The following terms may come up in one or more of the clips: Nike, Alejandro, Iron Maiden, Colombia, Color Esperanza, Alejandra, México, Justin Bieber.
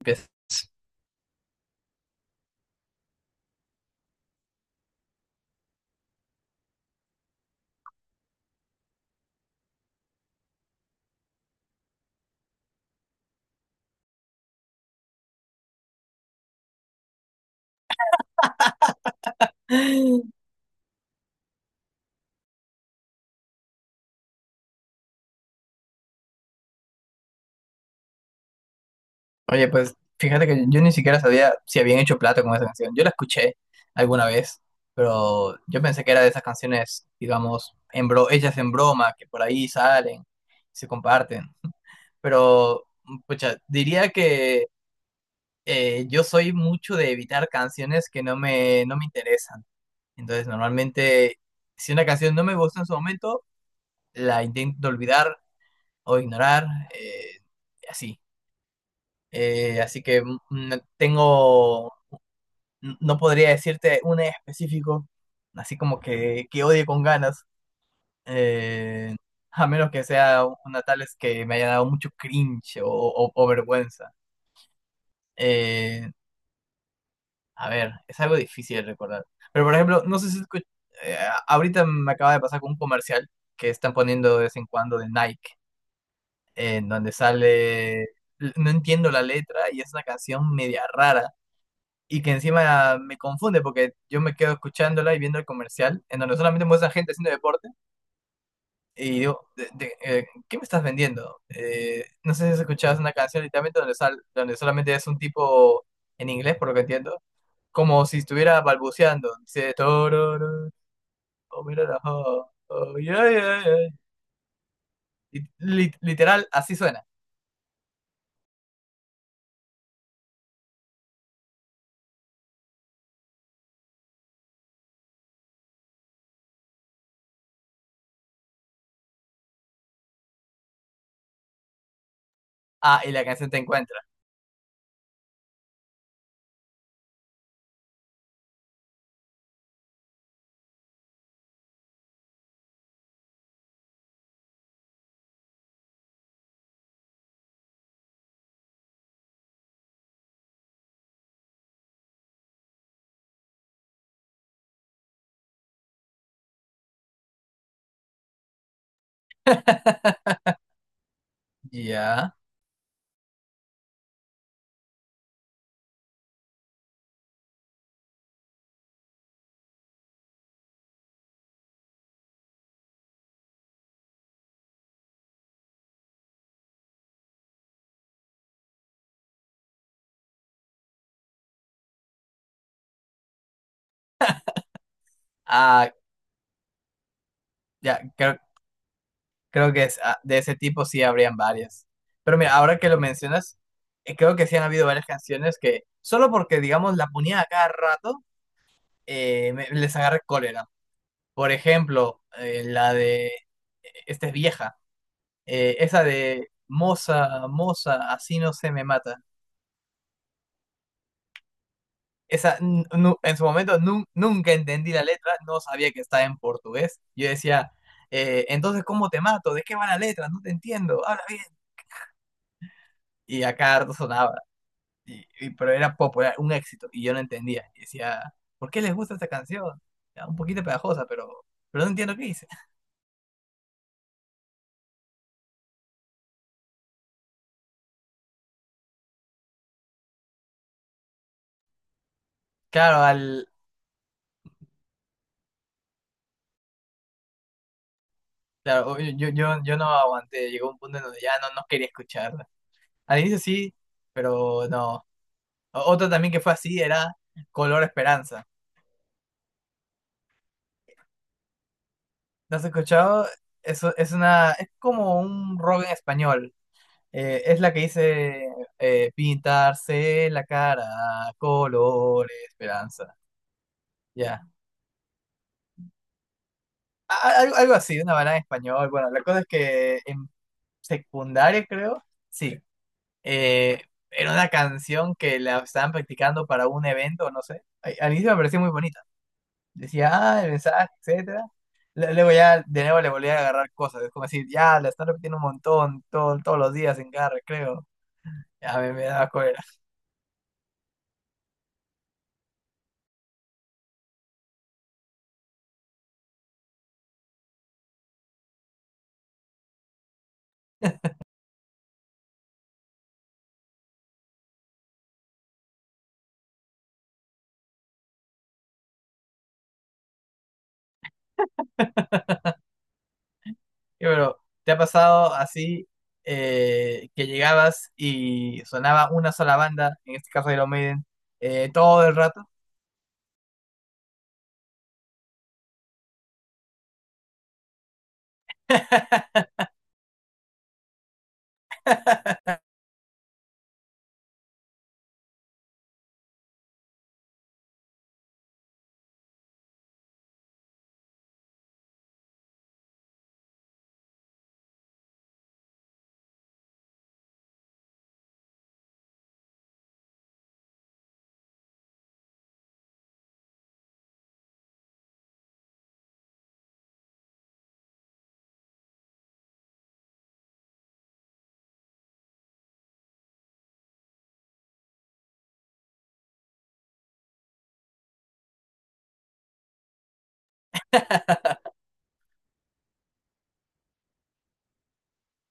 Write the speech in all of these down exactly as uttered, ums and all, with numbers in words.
Empiezas. Oye, pues fíjate que yo ni siquiera sabía si habían hecho plata con esa canción. Yo la escuché alguna vez, pero yo pensé que era de esas canciones, digamos, en bro hechas en broma, que por ahí salen, se comparten. Pero, pucha, diría que eh, yo soy mucho de evitar canciones que no me, no me interesan. Entonces, normalmente, si una canción no me gusta en su momento, la intento olvidar o ignorar, eh, así. Eh, así que mm, no tengo, no podría decirte un específico, así como que, que odie con ganas, eh, a menos que sea una tales que me haya dado mucho cringe o, o- o vergüenza. Eh, a ver, es algo difícil de recordar. Pero por ejemplo, no sé si escu- eh, ahorita me acaba de pasar con un comercial que están poniendo de vez en cuando de Nike, en donde sale, no entiendo la letra y es una canción media rara y que encima me confunde porque yo me quedo escuchándola y viendo el comercial en donde solamente muestran gente haciendo deporte y digo, "¿De- de- eh, ¿qué me estás vendiendo? Eh, no sé si has escuchado una canción literalmente donde, sal- donde solamente es un tipo en inglés, por lo que entiendo, como si estuviera balbuceando. Dice, Tororo, oh, mira la jo, oh, yeah, yeah, yeah". Y li- literal, así suena. Ah, y la canción te encuentra. Ya. Ah, ya, creo Creo que es, ah, de ese tipo sí habrían varias. Pero mira, ahora que lo mencionas, eh, creo que sí han habido varias canciones que solo porque, digamos, la ponía a cada rato, eh, me- les agarré cólera. Por ejemplo, eh, la de, esta es vieja, eh, esa de Moza, Moza, así no se me mata. Esa, n- nu- en su momento nun- nunca entendí la letra, no sabía que estaba en portugués. Yo decía, eh, entonces, ¿cómo te mato? ¿De qué va la letra? No te entiendo, habla bien. Y a cada rato sonaba. Y, y- pero era popular, un éxito, y yo no entendía. Y decía, ¿por qué les gusta esta canción? Era un poquito pegajosa, pero, pero no entiendo qué dice. Claro, al, claro, yo, yo, yo no aguanté, llegó un punto en donde ya no, no quería escucharla. Al inicio sí, pero no. O- Otra también que fue así era Color Esperanza. ¿Lo has escuchado? Eso es una, es como un rock en español. Eh, es la que dice eh, pintarse la cara, color esperanza. Ya. a- algo, algo así, una banana en español. Bueno, la cosa es que en secundaria, creo, sí, eh, era una canción que la estaban practicando para un evento, no sé. Al al inicio me pareció muy bonita. Decía, ah, el mensaje, etcétera. Lu- Luego ya de nuevo le volví a agarrar cosas. Es como decir, ya, la están repitiendo un montón, todo, todos los días en cada recreo. Ya me, me daba cólera. Y pero, ¿te ha pasado así eh, que llegabas y sonaba una sola banda, en este caso Iron Maiden, eh, todo el rato?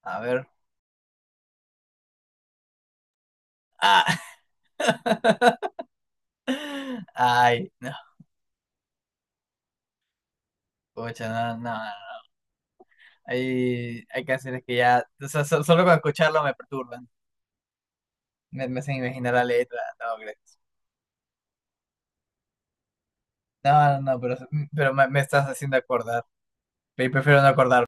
A ver. Ah. Ay, no, pucha, no, no, no. Hay, hay canciones que ya, o sea, so- solo con escucharlo me perturban. Me, me hacen imaginar la letra. No, gracias. No, no, no, pero, pero me, me estás haciendo acordar. Pe- Prefiero no acordar.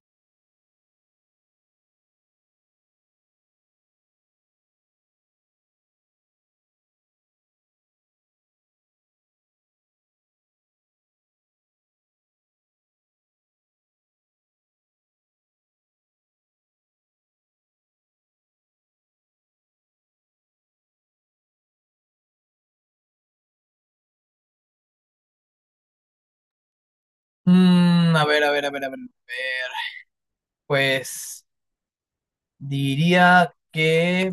Mm, a ver, a ver, a ver, a ver, a ver. Pues diría que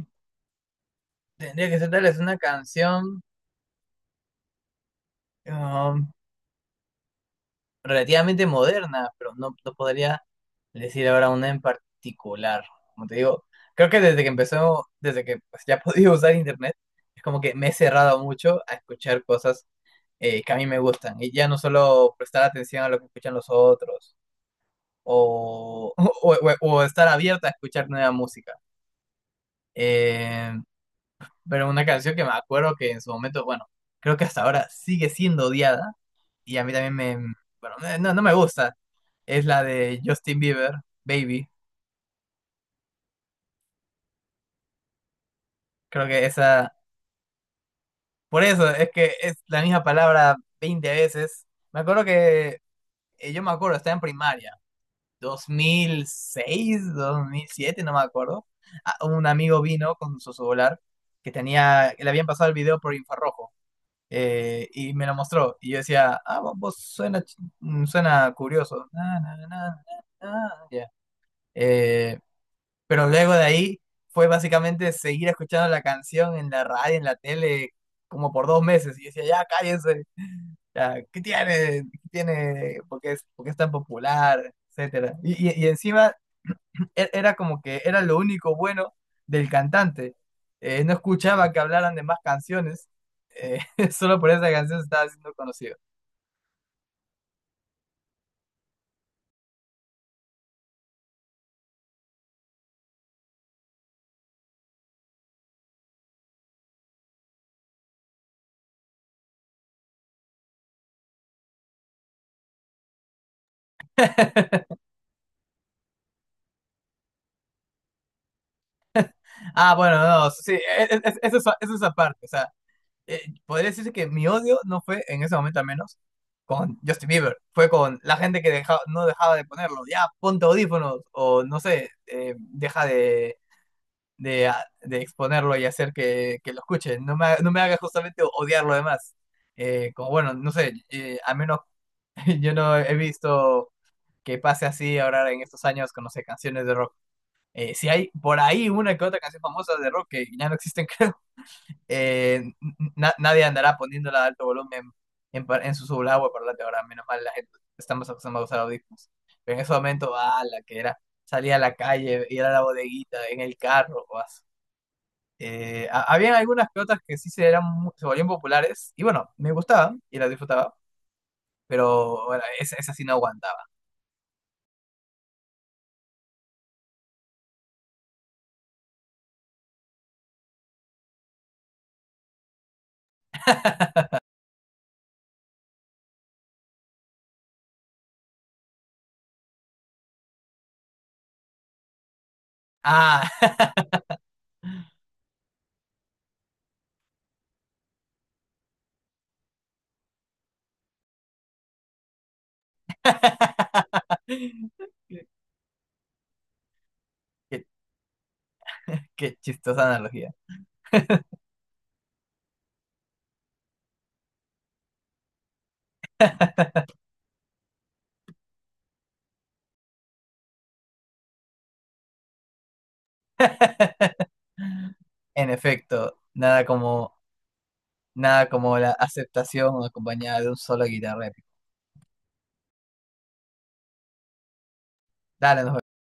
tendría que ser tal vez una canción, um, relativamente moderna, pero no, no podría decir ahora una en particular. Como te digo, creo que desde que empezó, desde que pues, ya he podido usar internet, es como que me he cerrado mucho a escuchar cosas eh, que a mí me gustan. Y ya no solo prestar atención a lo que escuchan los otros, o, o, o- o estar abierta a escuchar nueva música. Eh, pero una canción que me acuerdo que en su momento, bueno, creo que hasta ahora sigue siendo odiada y a mí también me, bueno, eh, no, no me gusta, es la de Justin Bieber, Baby. Creo que esa, por eso es que es la misma palabra veinte veces. Me acuerdo que, eh, yo me acuerdo, estaba en primaria, dos dos mil seis, dos mil siete, no me acuerdo. Ah, un amigo vino con su celular que tenía, que le habían pasado el video por infrarrojo. Eh, y me lo mostró y yo decía, ah, vos vos suena, ch- mm, suena curioso. Na, na, na, na, na, ya. Eh, Pero luego de ahí fue básicamente seguir escuchando la canción en la radio, en la tele, como por dos meses. Y yo decía, ya cállense, ya, ¿qué tiene? ¿Qué tiene? ¿Por qué es, por qué es tan popular? Etcétera. Y, y- y encima e- era como que era lo único bueno del cantante. Eh, no escuchaba que hablaran de más canciones, eh, solo por esa canción se estaba haciendo conocido. Ah, bueno, no, sí, e- e- e- eso es, eso es aparte. O sea, eh, podría decirse que mi odio no fue en ese momento al menos con Justin Bieber, fue con la gente que deja- no dejaba de ponerlo, ya ponte audífonos o no sé, eh, deja de, de, a- de exponerlo y hacer que, que lo escuchen, no me, ha- no me haga justamente odiar lo demás. Eh, como bueno, no sé, eh, al menos yo no he visto que pase así ahora en estos años con, no sé, canciones de rock. Eh, si hay por ahí una que otra canción famosa de rock que ya no existen, creo eh, na- nadie andará poniéndola a alto volumen en, pa- en su subagua parlante ahora, menos mal la gente está más acostumbrada a usar audífonos. Pero en ese momento, ah, la que era salir a la calle, ir a la bodeguita, en el carro, o eh, ha- habían algunas que otras que sí se, eran, mu- se volvían populares, y bueno, me gustaban y las disfrutaba, pero bueno, esa, esa sí no aguantaba. Ah, qué, qué chistosa analogía. En efecto, nada como Nada como la aceptación acompañada de un solo de guitarra épico. Dale, nos vemos.